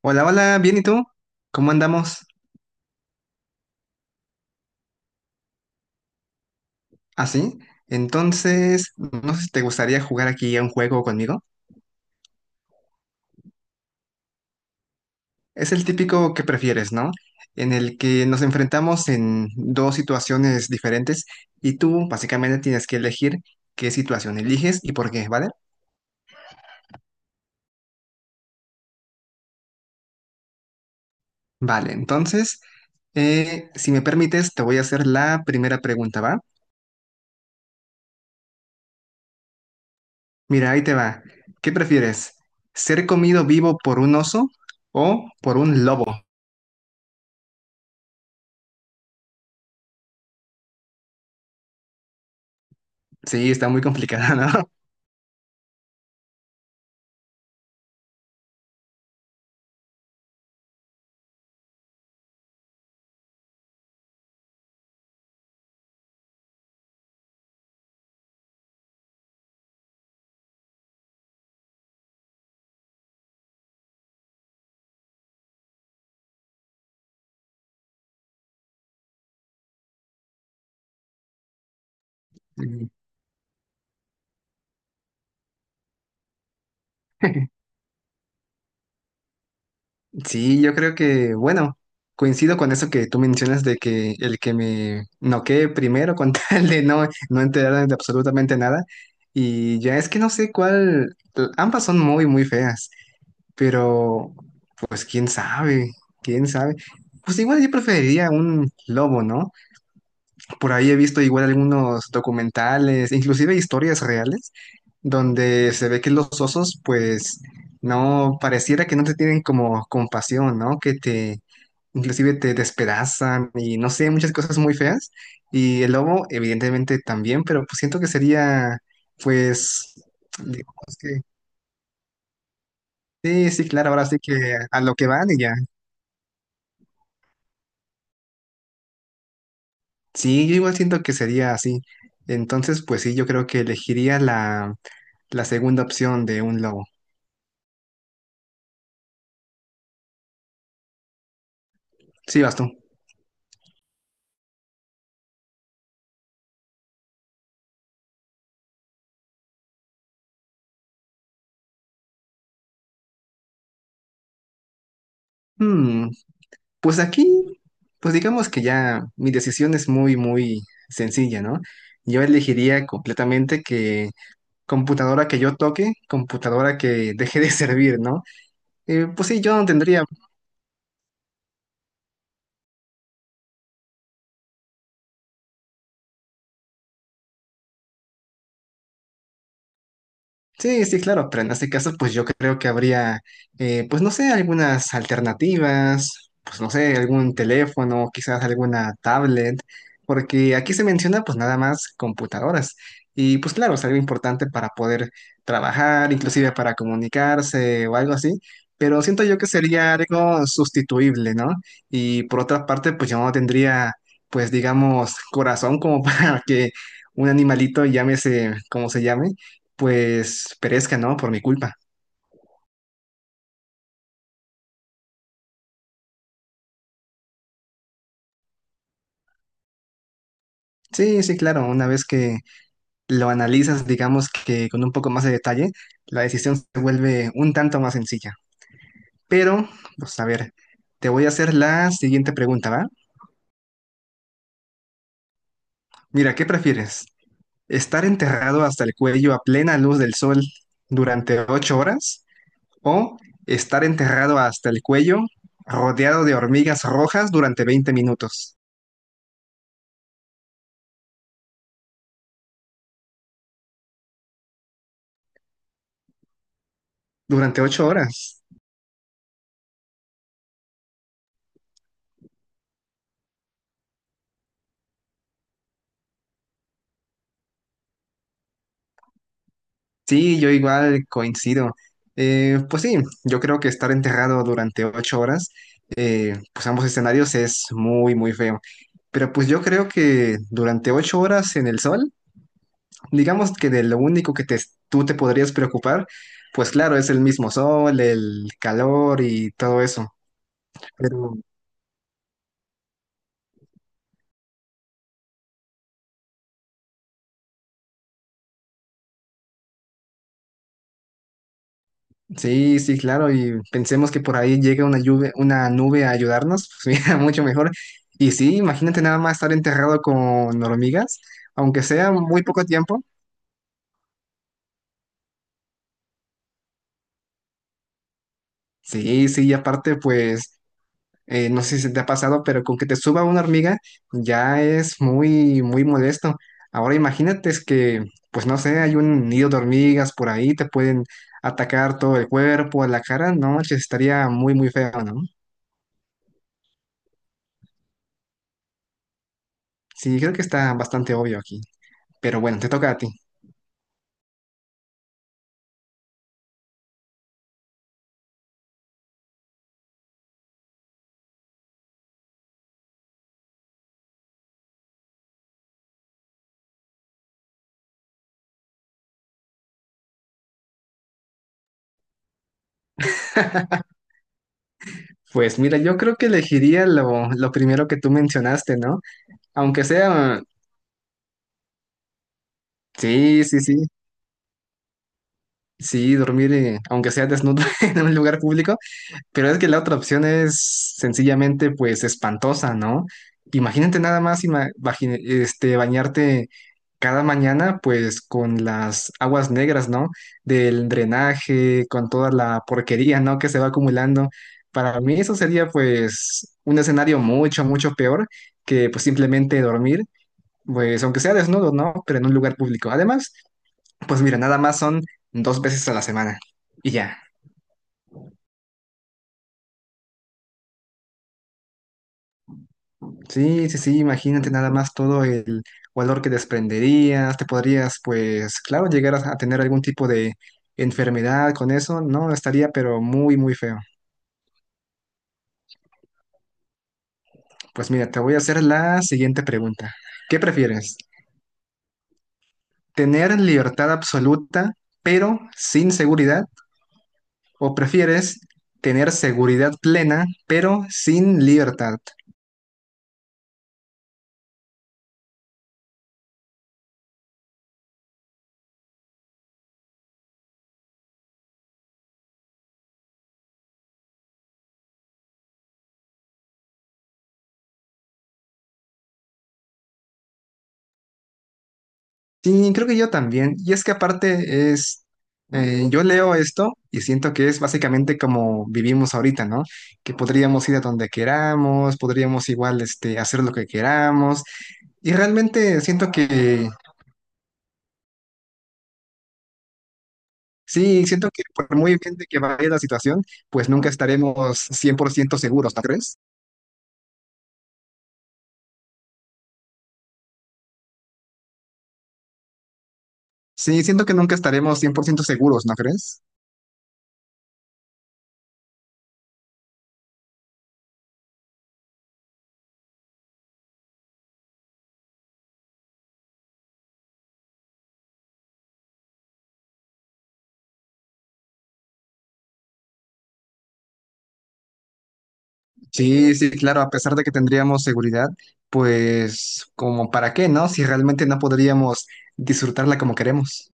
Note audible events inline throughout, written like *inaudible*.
Hola, hola, bien, ¿y tú? ¿Cómo andamos? ¿Así? Entonces, no sé si te gustaría jugar aquí a un juego conmigo. Es el típico que prefieres, ¿no? En el que nos enfrentamos en dos situaciones diferentes y tú básicamente tienes que elegir qué situación eliges y por qué, ¿vale? Vale, entonces, si me permites, te voy a hacer la primera pregunta, ¿va? Mira, ahí te va. ¿Qué prefieres? ¿Ser comido vivo por un oso o por un lobo? Sí, está muy complicada, *laughs* ¿no? Mm. *laughs* Sí, yo creo que, bueno, coincido con eso que tú mencionas de que el que me noquee primero con *laughs* tal de no enterarme de absolutamente nada. Y ya es que no sé cuál, ambas son muy, muy feas, pero pues quién sabe, quién sabe. Pues igual yo preferiría un lobo, ¿no? Por ahí he visto igual algunos documentales, inclusive historias reales, donde se ve que los osos, pues, no, pareciera que no te tienen como compasión, ¿no? Que te, inclusive te despedazan y no sé, muchas cosas muy feas. Y el lobo, evidentemente, también, pero pues siento que sería, pues, digamos que, sí, sí, claro, ahora sí que a lo que van y ya. Sí, yo igual siento que sería así. Entonces, pues sí, yo creo que elegiría la segunda opción de un lobo. Sí, vas tú. Hmm, pues aquí, pues digamos que ya mi decisión es muy, muy sencilla, ¿no? Yo elegiría completamente que computadora que yo toque, computadora que deje de *laughs* servir, ¿no? Pues sí, yo no tendría. Sí, sí, claro, pero en este caso, pues yo creo que habría, pues no sé, algunas alternativas, pues no sé, algún teléfono, quizás alguna tablet, porque aquí se menciona pues nada más computadoras. Y pues claro, es algo importante para poder trabajar, inclusive para comunicarse o algo así, pero siento yo que sería algo sustituible, ¿no? Y por otra parte, pues yo no tendría, pues digamos, corazón como *laughs* para que un animalito, llámese como se llame pues perezca, ¿no? Por mi culpa. Sí, sí, claro, una vez que lo analizas, digamos que con un poco más de detalle, la decisión se vuelve un tanto más sencilla. Pero, pues a ver, te voy a hacer la siguiente pregunta, ¿va? Mira, ¿qué prefieres? ¿Estar enterrado hasta el cuello a plena luz del sol durante 8 horas? ¿O estar enterrado hasta el cuello rodeado de hormigas rojas durante 20 minutos? Durante ocho horas. Sí, yo igual coincido. Pues sí, yo creo que estar enterrado durante 8 horas, pues ambos escenarios es muy, muy feo. Pero pues yo creo que durante 8 horas en el sol, digamos que de lo único que tú te podrías preocupar, pues claro, es el mismo sol, el calor y todo eso. Pero sí, sí, claro, y pensemos que por ahí llega una lluvia, una nube a ayudarnos, pues mira, *laughs* mucho mejor. Y sí, imagínate nada más estar enterrado con hormigas, aunque sea muy poco tiempo. Sí, sí, y aparte, pues, no sé si te ha pasado, pero con que te suba una hormiga ya es muy, muy molesto. Ahora imagínate es que, pues no sé, hay un nido de hormigas por ahí, te pueden atacar todo el cuerpo, la cara, no, manches, estaría muy, muy feo, ¿no? Sí, creo que está bastante obvio aquí. Pero bueno, te toca a ti. Pues mira, yo creo que elegiría lo primero que tú mencionaste, ¿no? Aunque sea, sí, sí, sí, sí, dormir, aunque sea desnudo *laughs* en un lugar público. Pero es que la otra opción es sencillamente pues espantosa, ¿no? Imagínate nada más este, bañarte cada mañana pues con las aguas negras, ¿no? Del drenaje, con toda la porquería, ¿no? Que se va acumulando. Para mí eso sería pues un escenario mucho, mucho peor que pues simplemente dormir, pues aunque sea desnudo, ¿no? Pero en un lugar público. Además, pues mira, nada más son dos veces a la semana y ya. Sí, sí, sí, imagínate nada más todo el valor que desprenderías, te podrías, pues, claro, llegar a tener algún tipo de enfermedad con eso, no, estaría pero muy, muy feo. Pues mira, te voy a hacer la siguiente pregunta. ¿Qué prefieres? ¿Tener libertad absoluta, pero sin seguridad? ¿O prefieres tener seguridad plena, pero sin libertad? Sí, creo que yo también. Y es que aparte es, yo leo esto y siento que es básicamente como vivimos ahorita, ¿no? Que podríamos ir a donde queramos, podríamos igual, este, hacer lo que queramos. Y realmente siento que, sí, siento que por muy bien de que vaya la situación, pues nunca estaremos 100% seguros, ¿no crees? Sí, siento que nunca estaremos 100% seguros, ¿no crees? Sí, sí, claro, a pesar de que tendríamos seguridad, pues como para qué, ¿no? Si realmente no podríamos disfrutarla como queremos.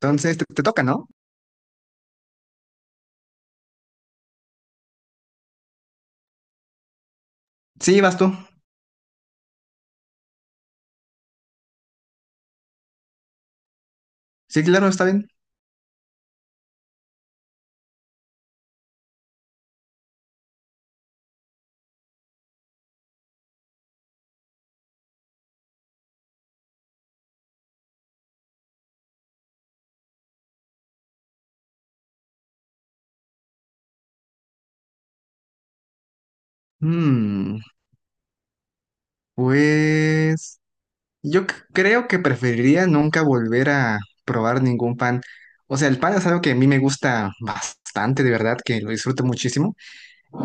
Entonces, te toca, ¿no? Sí, vas tú. Sí, claro, está bien. Mm, pues yo creo que preferiría nunca volver a probar ningún pan. O sea, el pan es algo que a mí me gusta bastante, de verdad, que lo disfruto muchísimo.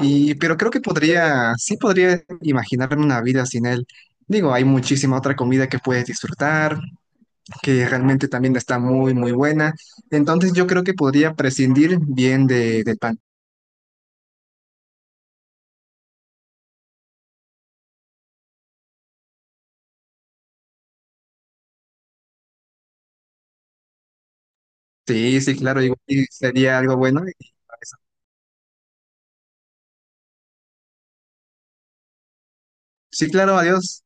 Y, pero creo que podría, sí podría imaginarme una vida sin él. Digo, hay muchísima otra comida que puedes disfrutar, que realmente también está muy, muy buena. Entonces yo creo que podría prescindir bien de, del pan. Sí, sí, claro, igual y sería algo bueno. Y... Sí, claro, adiós.